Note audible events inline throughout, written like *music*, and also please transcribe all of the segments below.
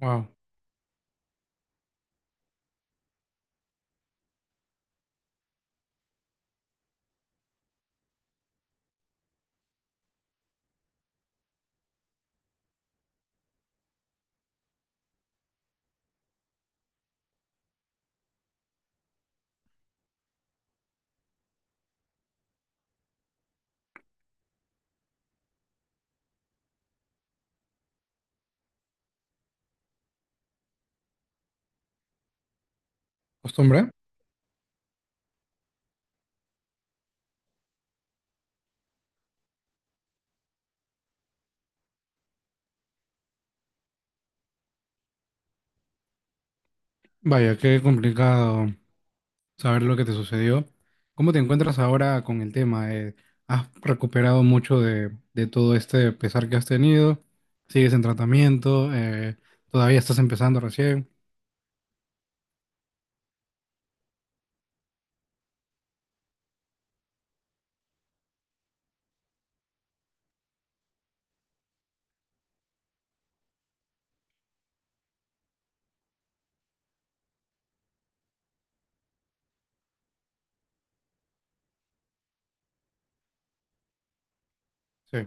Wow, costumbre. Vaya, qué complicado saber lo que te sucedió. ¿Cómo te encuentras ahora con el tema? ¿Has recuperado mucho de todo este pesar que has tenido? ¿Sigues en tratamiento? ¿Todavía estás empezando recién? Sí.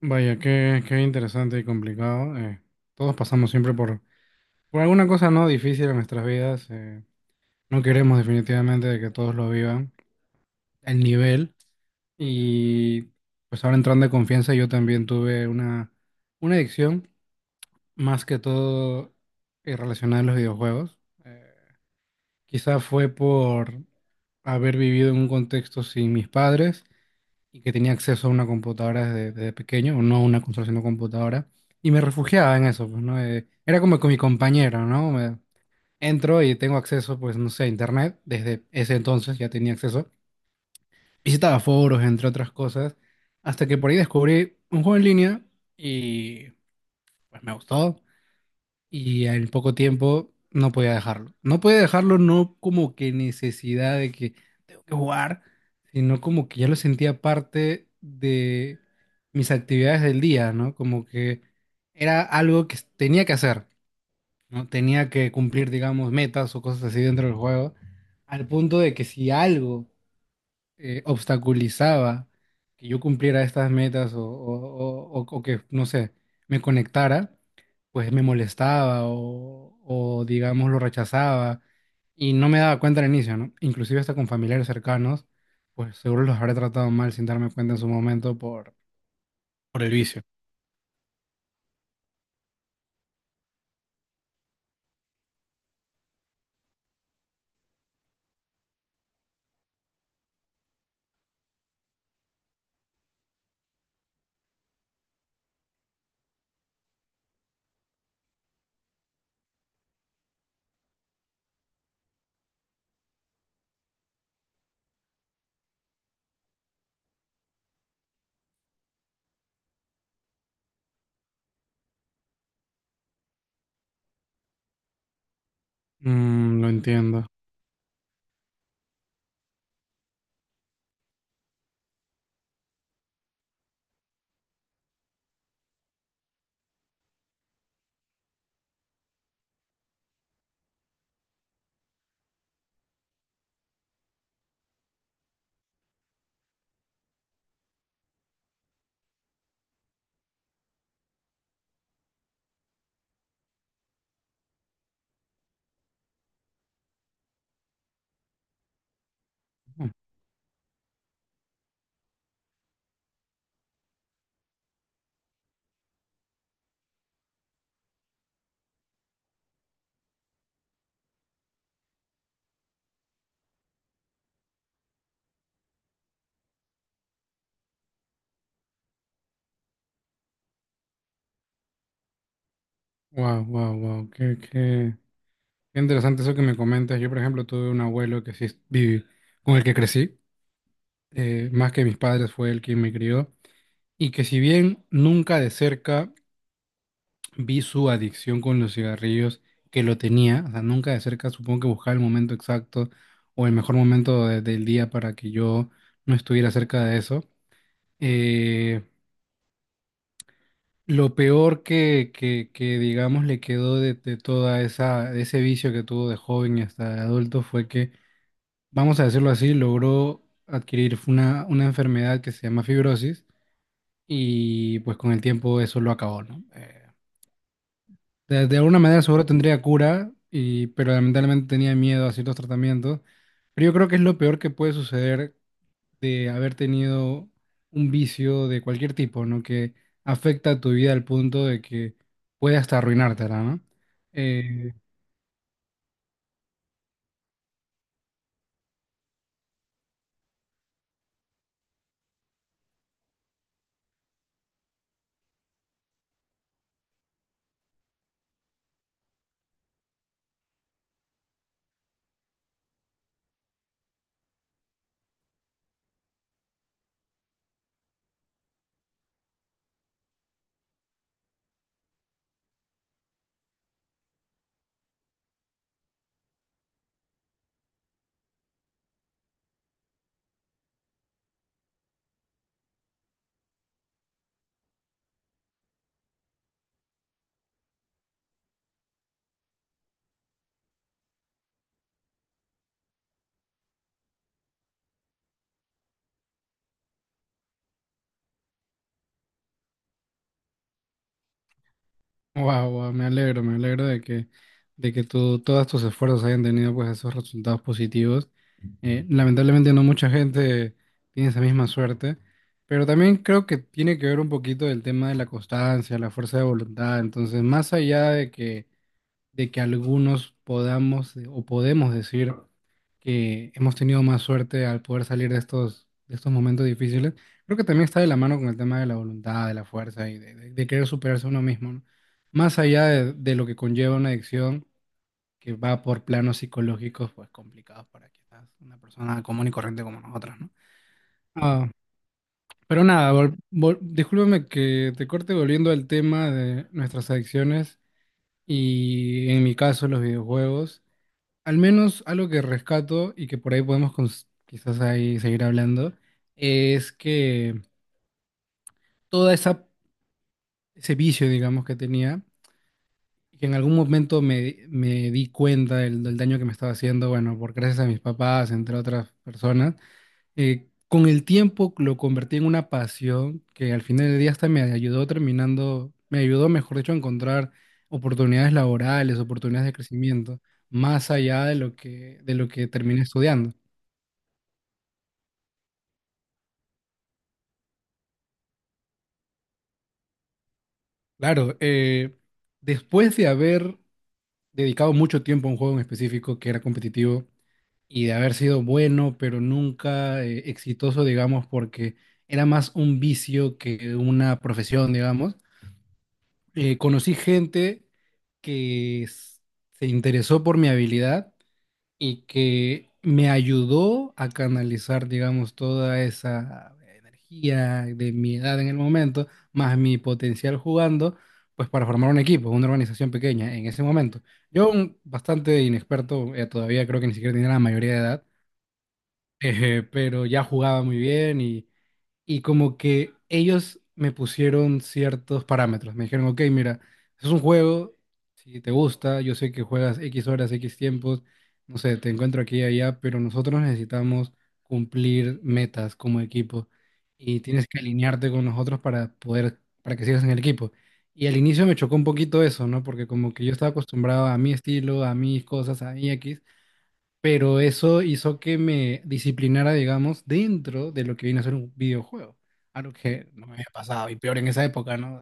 Vaya, qué interesante y complicado. Todos pasamos siempre por alguna cosa no difícil en nuestras vidas. No queremos definitivamente de que todos lo vivan al nivel. Y pues ahora entrando de confianza, yo también tuve una adicción, más que todo relacionada a los videojuegos. Eh, quizá fue por haber vivido en un contexto sin mis padres y que tenía acceso a una computadora desde pequeño, o no a una consola, sino computadora, y me refugiaba en eso, pues, ¿no? Era como con mi compañero, ¿no? Entro y tengo acceso, pues, no sé, a internet, desde ese entonces ya tenía acceso visitaba foros, entre otras cosas, hasta que por ahí descubrí un juego en línea y pues me gustó y en poco tiempo no podía dejarlo. No podía dejarlo no como que necesidad de que tengo que jugar, sino como que ya lo sentía parte de mis actividades del día, ¿no? Como que era algo que tenía que hacer, ¿no? Tenía que cumplir, digamos, metas o cosas así dentro del juego, al punto de que si algo obstaculizaba que yo cumpliera estas metas o que, no sé, me conectara, pues me molestaba o, digamos, lo rechazaba y no me daba cuenta al inicio, ¿no? Inclusive hasta con familiares cercanos, pues seguro los habré tratado mal sin darme cuenta en su momento por el vicio. Lo entiendo. Wow, wow, wow. Qué interesante eso que me comentas. Yo, por ejemplo, tuve un abuelo que sí viví, con el que crecí. Más que mis padres, fue el quien me crió, y que si bien nunca de cerca vi su adicción con los cigarrillos, que lo tenía, o sea, nunca de cerca supongo que buscaba el momento exacto o el mejor momento del día para que yo no estuviera cerca de eso. Eh, lo peor que, digamos, le quedó de ese vicio que tuvo de joven y hasta de adulto fue que, vamos a decirlo así, logró adquirir una enfermedad que se llama fibrosis y pues con el tiempo eso lo acabó, ¿no? De alguna manera seguro tendría cura, pero lamentablemente tenía miedo a ciertos tratamientos. Pero yo creo que es lo peor que puede suceder de haber tenido un vicio de cualquier tipo, ¿no? Que afecta a tu vida al punto de que puede hasta arruinártela, ¿no? Eh, Wow, me alegro de que tú, todos tus esfuerzos hayan tenido pues esos resultados positivos. Lamentablemente no mucha gente tiene esa misma suerte, pero también creo que tiene que ver un poquito del tema de la constancia, la fuerza de voluntad. Entonces, más allá de que algunos podamos o podemos decir que hemos tenido más suerte al poder salir de estos momentos difíciles, creo que también está de la mano con el tema de la voluntad, de la fuerza y de querer superarse uno mismo, ¿no? Más allá de lo que conlleva una adicción que va por planos psicológicos, pues complicados para quizás una persona común y corriente como nosotros, ¿no? Ah, pero nada, discúlpame que te corte volviendo al tema de nuestras adicciones y en mi caso los videojuegos. Al menos algo que rescato y que por ahí podemos quizás ahí seguir hablando, es que todo esa, ese vicio, digamos, que tenía, y que en algún momento me di cuenta del daño que me estaba haciendo, bueno, por gracias a mis papás, entre otras personas, con el tiempo lo convertí en una pasión que al final del día hasta me ayudó, mejor dicho, a encontrar oportunidades laborales, oportunidades de crecimiento, más allá de lo que terminé estudiando. Claro, después de haber dedicado mucho tiempo a un juego en específico que era competitivo y de haber sido bueno, pero nunca exitoso, digamos, porque era más un vicio que una profesión, digamos, conocí gente que s- se interesó por mi habilidad y que me ayudó a canalizar, digamos, toda esa energía de mi edad en el momento, más mi potencial jugando, pues para formar un equipo, una organización pequeña en ese momento. Yo, bastante inexperto, todavía creo que ni siquiera tenía la mayoría de edad, *laughs* pero ya jugaba muy bien y como que ellos me pusieron ciertos parámetros. Me dijeron, ok, mira, es un juego, si te gusta, yo sé que juegas X horas, X tiempos, no sé, te encuentro aquí y allá, pero nosotros necesitamos cumplir metas como equipo y tienes que alinearte con nosotros para que sigas en el equipo. Y al inicio me chocó un poquito eso, ¿no? Porque como que yo estaba acostumbrado a mi estilo, a mis cosas, a mi X, pero eso hizo que me disciplinara, digamos, dentro de lo que viene a ser un videojuego. Algo que no me había pasado, y peor en esa época, ¿no?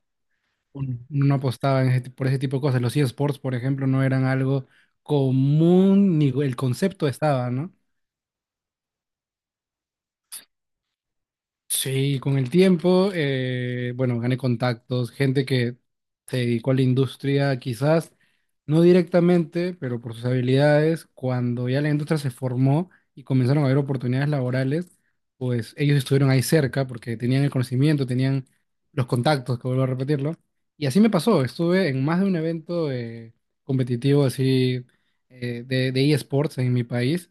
Uno no apostaba en ese por ese tipo de cosas. Los eSports, por ejemplo, no eran algo común, ni el concepto estaba, ¿no? Sí, con el tiempo, bueno, gané contactos, gente que se dedicó a la industria, quizás no directamente, pero por sus habilidades, cuando ya la industria se formó y comenzaron a haber oportunidades laborales, pues ellos estuvieron ahí cerca porque tenían el conocimiento, tenían los contactos, que vuelvo a repetirlo. Y así me pasó, estuve en más de un evento competitivo así de eSports en mi país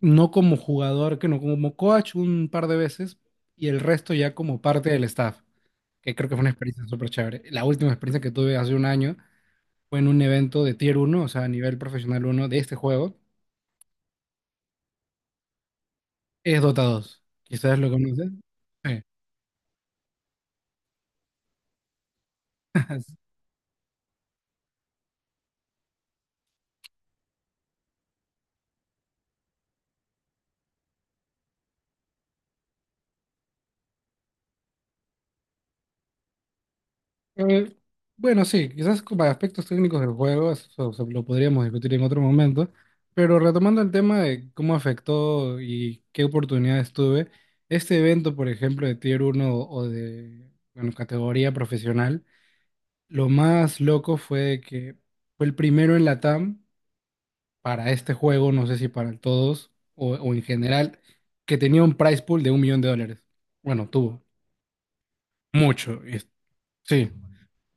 no como jugador, que no como coach un par de veces y el resto ya como parte del staff, que creo que fue una experiencia súper chévere. La última experiencia que tuve hace un año fue en un evento de Tier uno o sea, a nivel profesional uno de este juego, es Dota 2. Quizás lo conoces. Sí. *laughs* Eh, bueno, sí, quizás para aspectos técnicos del juego, eso lo podríamos discutir en otro momento, pero retomando el tema de cómo afectó y qué oportunidades tuve, este evento, por ejemplo, de Tier uno o de, bueno, categoría profesional, lo más loco fue que fue el primero en Latam para este juego, no sé si para todos o, en general, que tenía un prize pool de 1 millón de dólares. Bueno, tuvo mucho, sí.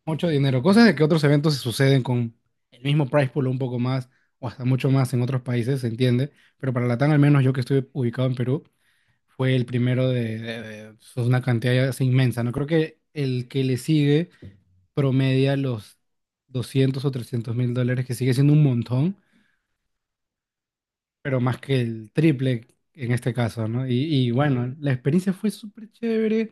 Mucho dinero. Cosas de que otros eventos se suceden con el mismo price pool o un poco más, o hasta mucho más en otros países, se entiende. Pero para Latam, al menos yo que estuve ubicado en Perú, fue el primero . Es una cantidad ya inmensa. No creo que el que le sigue promedia los 200.000 o 300.000 dólares, que sigue siendo un montón, pero más que el triple en este caso, ¿no? Y bueno, la experiencia fue súper chévere.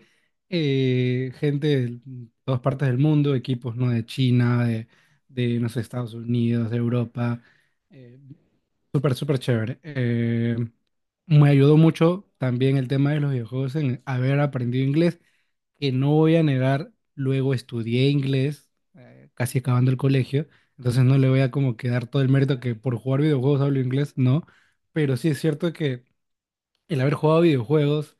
Gente de todas partes del mundo, equipos, ¿no? De China, de no sé, Estados Unidos, de Europa. eh, súper, súper chévere. Me ayudó mucho también el tema de los videojuegos en haber aprendido inglés que no voy a negar, luego estudié inglés, casi acabando el colegio, entonces no le voy a como que dar todo el mérito que por jugar videojuegos hablo inglés, no, pero sí es cierto que el haber jugado videojuegos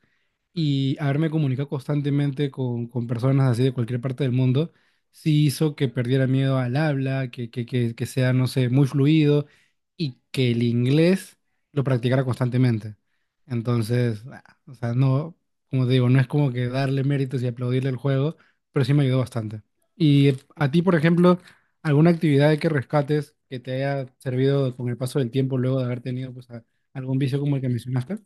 y haberme comunicado constantemente con personas así de cualquier parte del mundo, sí hizo que perdiera miedo al habla, que sea, no sé, muy fluido y que el inglés lo practicara constantemente. Entonces, ah, o sea, no, como te digo, no es como que darle méritos y aplaudirle el juego, pero sí me ayudó bastante. Y a ti, por ejemplo, ¿alguna actividad que rescates que te haya servido con el paso del tiempo luego de haber tenido pues, algún vicio como el que mencionaste?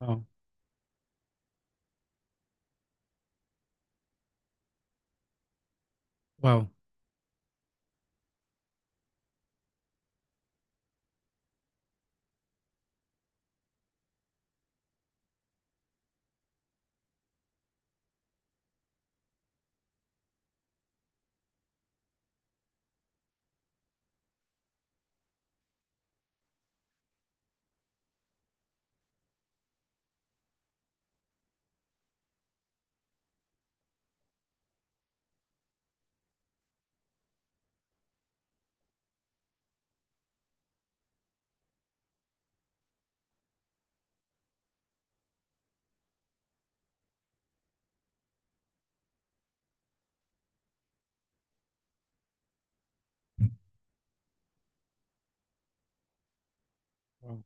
Wow, wow.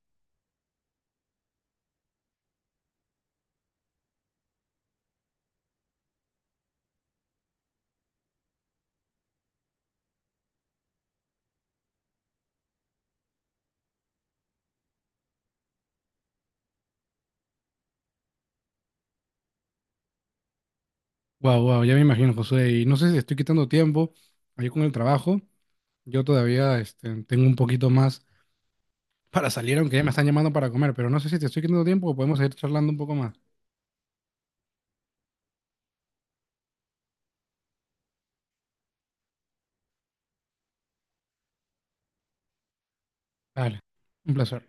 Wow, wow, ya me imagino, José. Y no sé si estoy quitando tiempo ahí con el trabajo. Yo todavía tengo un poquito más para salir, aunque ya me están llamando para comer, pero no sé si te estoy quitando tiempo o podemos seguir charlando un poco más. Dale, un placer.